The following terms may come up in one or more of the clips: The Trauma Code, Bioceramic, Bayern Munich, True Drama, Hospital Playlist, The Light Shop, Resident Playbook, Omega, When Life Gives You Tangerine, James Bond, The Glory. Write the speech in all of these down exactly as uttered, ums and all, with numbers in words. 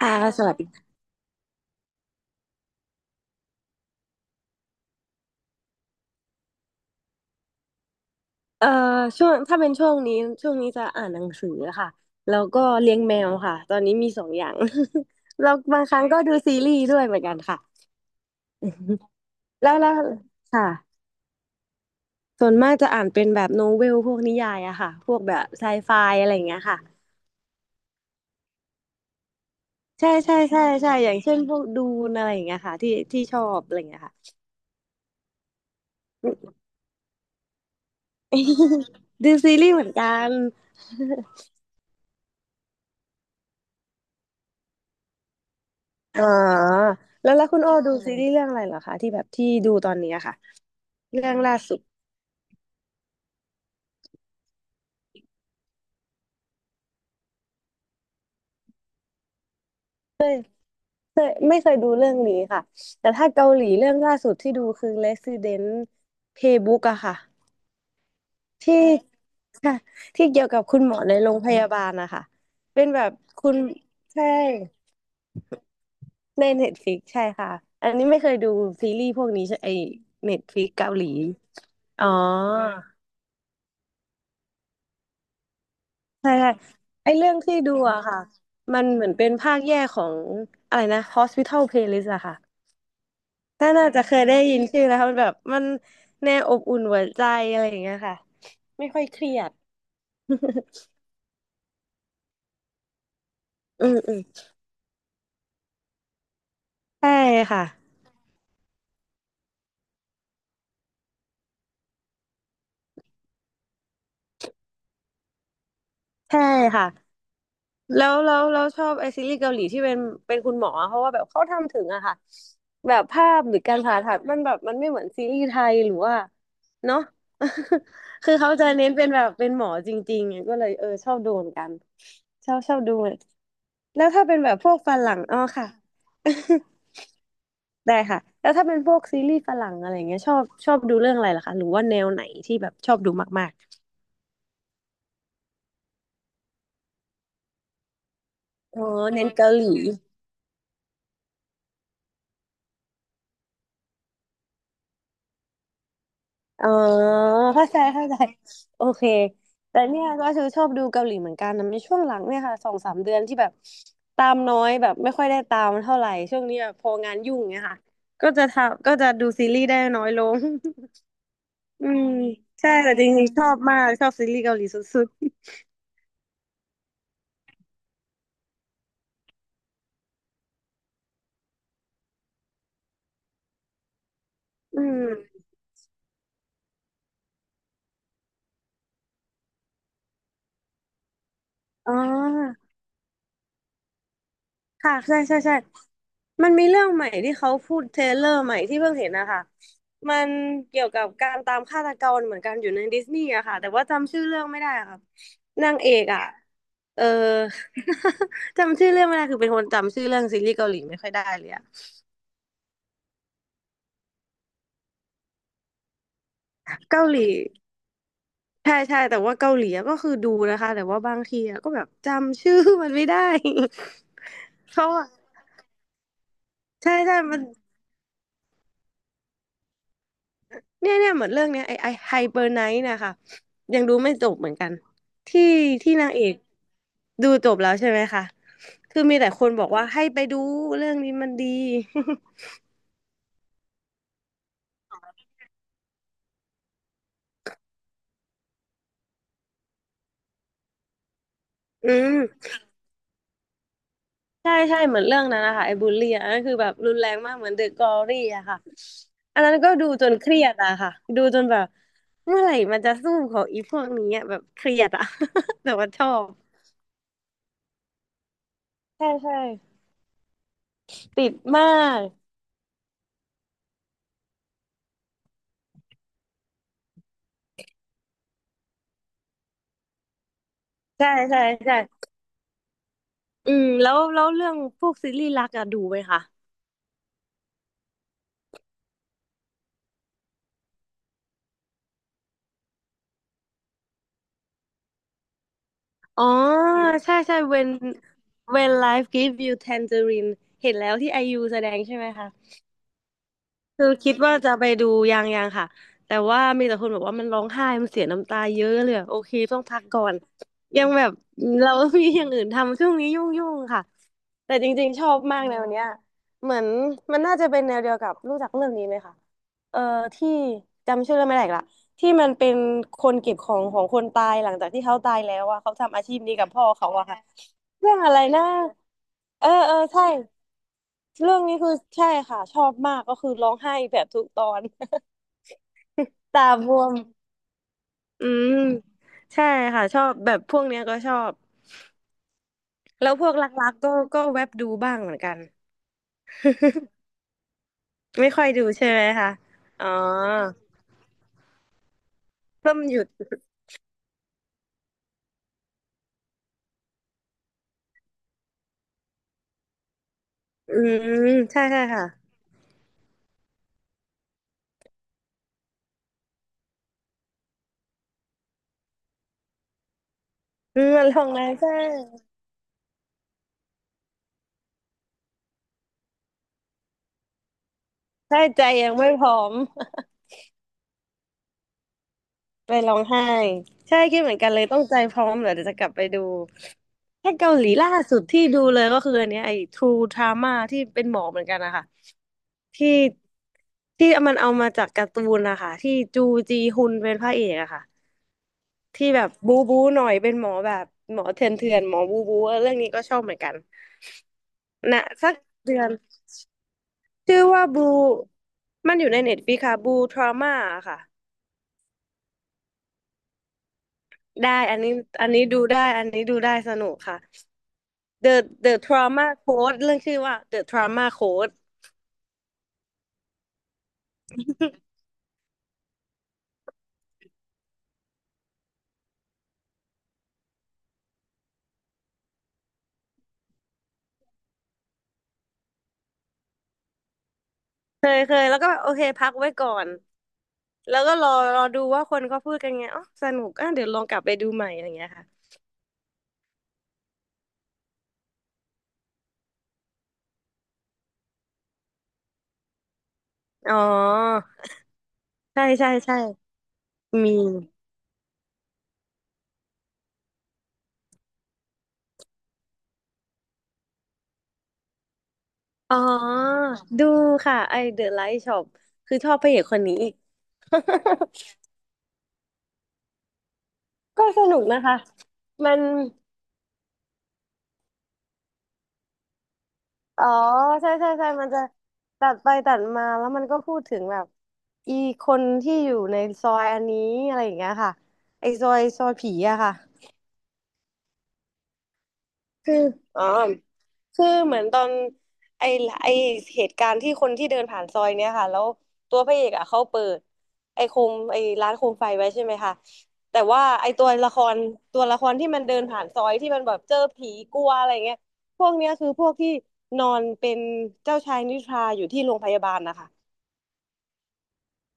อ่าสวัสดีเอ่อช่วงถ้าเป็นช่วงนี้ช่วงนี้จะอ่านหนังสือค่ะแล้วก็เลี้ยงแมวค่ะตอนนี้มีสองอย่าง แล้วบางครั้งก็ดูซีรีส์ด้วยเหมือนกันค่ะ แล้วแล้วค่ะส่วนมากจะอ่านเป็นแบบโนเวลพวกนิยายอะค่ะพวกแบบไซไฟอะไรอย่างเงี้ยค่ะใช่ใช่ใช่ใช่อย่างเช่นพวกดูนอะไรอย่างเงี้ยค่ะที่ที่ชอบอะไรอย่างเงี้ยค่ะ ดูซีรีส์เหมือนกัน อ๋อแล้วแล้วคุณโอดูซีรีส์เรื่องอะไรเหรอคะที่แบบที่ดูตอนนี้อะค่ะ เรื่องล่าสุดเคยไม่เคยดูเรื่องนี้ค่ะแต่ถ้าเกาหลีเรื่องล่าสุดที่ดูคือ Resident Playbook อะค่ะที่ค่ะที่เกี่ยวกับคุณหมอในโรงพยาบาลนะคะเป็นแบบคุณใช่ใน Netflix ใช่ค่ะอันนี้ไม่เคยดูซีรีส์พวกนี้ใช่ไอ Netflix เกาหลีอ๋อใช่ใช่ไอเรื่องที่ดูอะค่ะมันเหมือนเป็นภาคแยกของอะไรนะ Hospital Playlist อะค่ะ ถ้าน่าจะเคยได้ยินชื่อแล้วค่ะมันแบบมันแนวอบอุ่นหัวใจอะไรอย่างเงี้ยค่ะไม่ค่อยเครียด อืมอืมใช่ค่ะใช่ค่ะแล้วแล้วเราชอบไอซีรีส์เกาหลีที่เป็นเป็นคุณหมอเพราะว่าแบบเขาทำถึงอะค่ะแบบภาพหรือการผ่าตัดมันแบบมันไม่เหมือนซีรีส์ไทยหรือว่าเนาะ คือเขาจะเน้นเป็นแบบเป็นหมอจริงๆก็เลยเออชอบดูเหมือนกันชอบชอบดูแล้วถ้าเป็นแบบพวกฝรั่งอ๋อค่ะ ได้ค่ะแล้วถ้าเป็นพวกซีรีส์ฝรั่งอะไรอย่างเงี้ยชอบชอบดูเรื่องอะไรล่ะคะหรือว่าแนวไหนที่แบบชอบดูมากๆอ๋อเน้นเกาหลีอ๋อเข้าใจเข้าใจโอเคแต่เนี่ยก็คือชอบดูเกาหลีเหมือนกันนะในช่วงหลังเนี่ยค่ะสองสามเดือนที่แบบตามน้อยแบบไม่ค่อยได้ตามเท่าไหร่ช่วงนี้แบบพองานยุ่งเนี่ยค่ะก็จะทำก็จะดูซีรีส์ได้น้อยลง อืมใช่แต่จริงๆชอบมากชอบซีรีส์เกาหลีสุดๆอืมอ๋อ ค่ะใช่ใช่ใช่มันมีเรื่องใหม่ที่เขาพูดเทรลเลอร์ใหม่ที่เพิ่งเห็นนะคะมันเกี่ยวกับการตามฆาตกรเหมือนกันอยู่ในดิสนีย์อะค่ะแต่ว่าจำชื่อเรื่องไม่ได้อะค่ะนางเอกอะเออ จำชื่อเรื่องไม่ได้คือเป็นคนจำชื่อเรื่องซีรีส์เกาหลีไม่ค่อยได้เลยอะเกาหลีใช่ใช่แต่ว่าเกาหลีอะก็คือดูนะคะแต่ว่าบางทีอะก็แบบจำชื่อมันไม่ได้ เขาอะใช่ใช่มัน เนี่ยเนี่ยเหมือนเรื่องเนี้ยไอไอไฮเบอร์ไนท์นะคะยังดูไม่จบเหมือนกันที่ที่นางเอกดูจบแล้วใช่ไหมคะคือมีแต่คนบอกว่าให้ไปดูเรื่องนี้มันดี อืมใช่ใช่เหมือนเรื่องนั้นนะคะไอ้บูลลี่อะอันนั้นคือแบบรุนแรงมากเหมือนเดอะกอรี่อะค่ะอันนั้นก็ดูจนเครียดอะค่ะดูจนแบบเมื่อไหร่มันจะสู้ของอีพวกนี้อะแบบเครียดอะ แต่ว่าชอบใช่ใช่ติดมากใช่ใช่ใช่ อืมแล้วแล้วเรื่องพวกซีรีส์รักอะดูไหมคะอ๋อใช่ใช่ when when life จี ไอ วี อี you tangerine เห็นแล้วที่ไอยูแสดงใช่ไหมคะ คือคิดว่าจะไปดูยังยังค่ะแต่ว่ามีแต่คนบอกว่ามันร้องไห้มันเสียน้ำตาเยอะเลยอะโอเคต้องพักก่อนยังแบบเรา มีอย่างอื่นทำช่วงนี้ยุ่งๆค่ะแต่จริงๆชอบมากแนวเนี้ยเหมือนมันน่าจะเป็นแนวเดียวกับรู้จักเรื่องนี้ไหมคะเอ่อที่จำชื่อเรื่องไม่ได้อีกละที่มันเป็นคนเก็บของของคนตายหลังจากที่เขาตายแล้วอะเขาทำอาชีพนี้กับพ่อเขาอะค่ะ เรื่องอะไรนะเออเออใช่เรื่องนี้คือใช่ค่ะชอบมากก็คือร้องไห้แบบทุกตอน ตาบวมอืมใช่ค่ะชอบแบบพวกเนี้ยก็ชอบแล้วพวกรักๆก็ก็แวบดูบ้างเหมือนกันไม่ค่อยดูใช่ไหมคะอ๋อเพิ่มหยุดอืมใช่ใช่ค่ะอืมมันลงนะใช่ใช่ใจยังไม่พร้อม ไปร้องไห้ใช่คิดเหมือนกันเลยต้องใจพร้อมเหรอเดี๋ยวจะกลับไปดูแค่เกาหลีล่าสุดที่ดูเลยก็คืออันเนี้ยไอ้ True Drama ที่เป็นหมอเหมือนกันนะคะที่ที่มันเอามาจากการ์ตูนนะคะที่จูจีฮุนเป็นพระเอกอะค่ะที่แบบบูบูหน่อยเป็นหมอแบบหมอเถื่อนเถื่อนหมอบูบูเออเรื่องนี้ก็ชอบเหมือนกันนะสักเดือนชื่อว่าบูมันอยู่ในเน็ตฟ i ิค่ะบูทรามาค่ะได้อันนี้อันนี้ดูได้อันนี้ดูได้สนุกค่ะ The The Trauma Code เรื่องชื่อว่า The Trauma Code เคยเคยแล้วก็แบบโอเคพักไว้ก่อนแล้วก็รอรอดูว่าคนเขาพูดกันไงอ๋อสนุกอ่ะเดี๋ยวลองกลับไปดูใหม่อะไรอย่างเงี้ยค่ะอ๋อใช่ใช่ใช่มีอ๋อดูค่ะไอ The Light Shop คือชอบพระเอกคนนี้ ก็สนุกนะคะมัน อ๋อใช่ใช่ใช่มันจะตัดไปตัดมาแล้วมันก็พูดถึงแบบอีคนที่อยู่ในซอยอันนี้อะไรอย่างเงี้ยค่ะไอซอยซอยผีอะค่ะคืออ๋อ คือเหมือนตอนไอ้ไอ้เหตุการณ์ที่คนที่เดินผ่านซอยเนี้ยค่ะแล้วตัวพระเอกอ่ะเขาเปิดไอ้โคมไอ้ร้านโคมไฟไว้ใช่ไหมคะแต่ว่าไอ้ตัวละครตัวละครที่มันเดินผ่านซอยที่มันแบบเจอผีกลัวอะไรเงี้ยพวกเนี้ยคือพวกที่นอนเป็นเจ้าชายนิทราอยู่ที่โรงพยาบาลนะคะ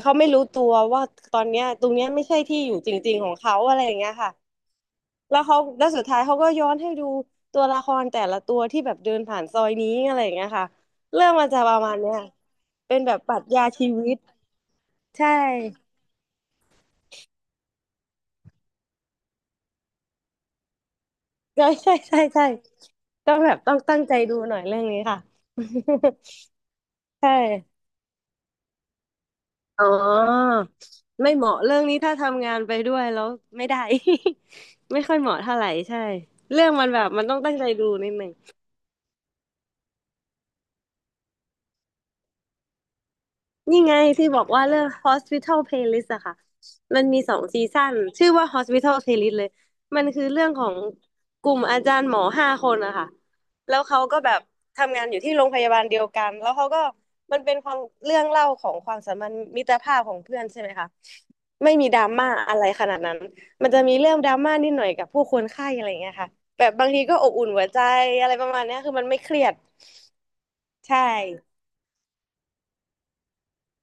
เขาไม่รู้ตัวว่าตอนเนี้ยตรงเนี้ยไม่ใช่ที่อยู่จริงๆของเขาอะไรอย่างเงี้ยค่ะ แล้วเขาแล้วสุดท้ายเขาก็ย้อนให้ดูตัวละครแต่ละตัวที่แบบเดินผ่านซอยนี้อะไรอย่างเงี้ยค่ะเรื่องมันจะประมาณเนี้ยเป็นแบบปรัชญาชีวิตใช่ใช่ ใช่ ใช่ ใช่ต้องแบบต้องตั้งใจดูหน่อยเรื่องนี้ค่ะ ใช่ อ๋อไม่เหมาะเรื่องนี้ถ้าทำงานไปด้วยแล้วไม่ได้ ไม่ค่อยเหมาะเท่าไหร่ใช่เรื่องมันแบบมันต้องตั้งใจดูนิดนึง นี่ไงที่บอกว่าเรื่อง Hospital Playlist อะค่ะ มันมีสองซีซั่นชื่อว่า Hospital Playlist เลย มันคือเรื่องของกลุ่มอาจารย์หมอห้าคนอะค่ะ แล้วเขาก็แบบทำงานอยู่ที่โรงพยาบาลเดียวกัน แล้วเขาก็มันเป็นความเรื่องเล่าของความสัมพันธ์มิตรภาพของเพื่อนใช่ไหมคะไม่มีดราม่าอะไรขนาดนั้น มันจะมีเรื่องดราม่านิดหน่อยกับผู้คนไข้อะไรอย่างเงี้ยค่ะแบบบางทีก็อบอุ่นหัวใจอะไรประมาณเนี้ยคือมันไม่เครียดใช่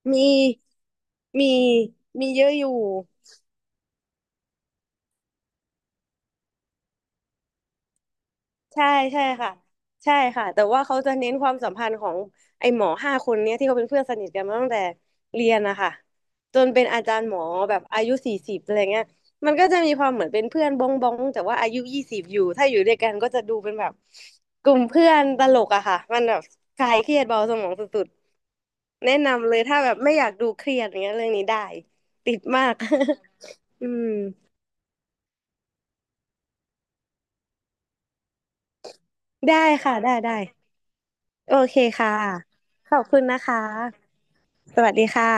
มีมีมีเยอะอยู่ ใช่ใช่ค่ะใช่ค่ะแต่ว่าเขาจะเน้นความสัมพันธ์ของไอ้หมอห้าคนเนี้ยที่เขาเป็นเพื่อนสนิทกันมาตั้งแต่เรียนนะคะจนเป็นอาจารย์หมอแบบอายุสี่สิบอะไรเงี้ยมันก็จะมีความเหมือนเป็นเพื่อนบ้องบ้องแต่ว่าอายุยี่สิบอยู่ถ้าอยู่ด้วยกันก็จะดูเป็นแบบกลุ่มเพื่อนตลกอะค่ะมันแบบคลายเครียดเบาสมองสุดๆแนะนำเลยถ้าแบบไม่อยากดูเครียดอย่างเงี้ยเรื่องนี้ได้ติดมาก อืมได้ค่ะได้ได้โอเคค่ะขอบคุณนะคะ สวัสดีค่ะ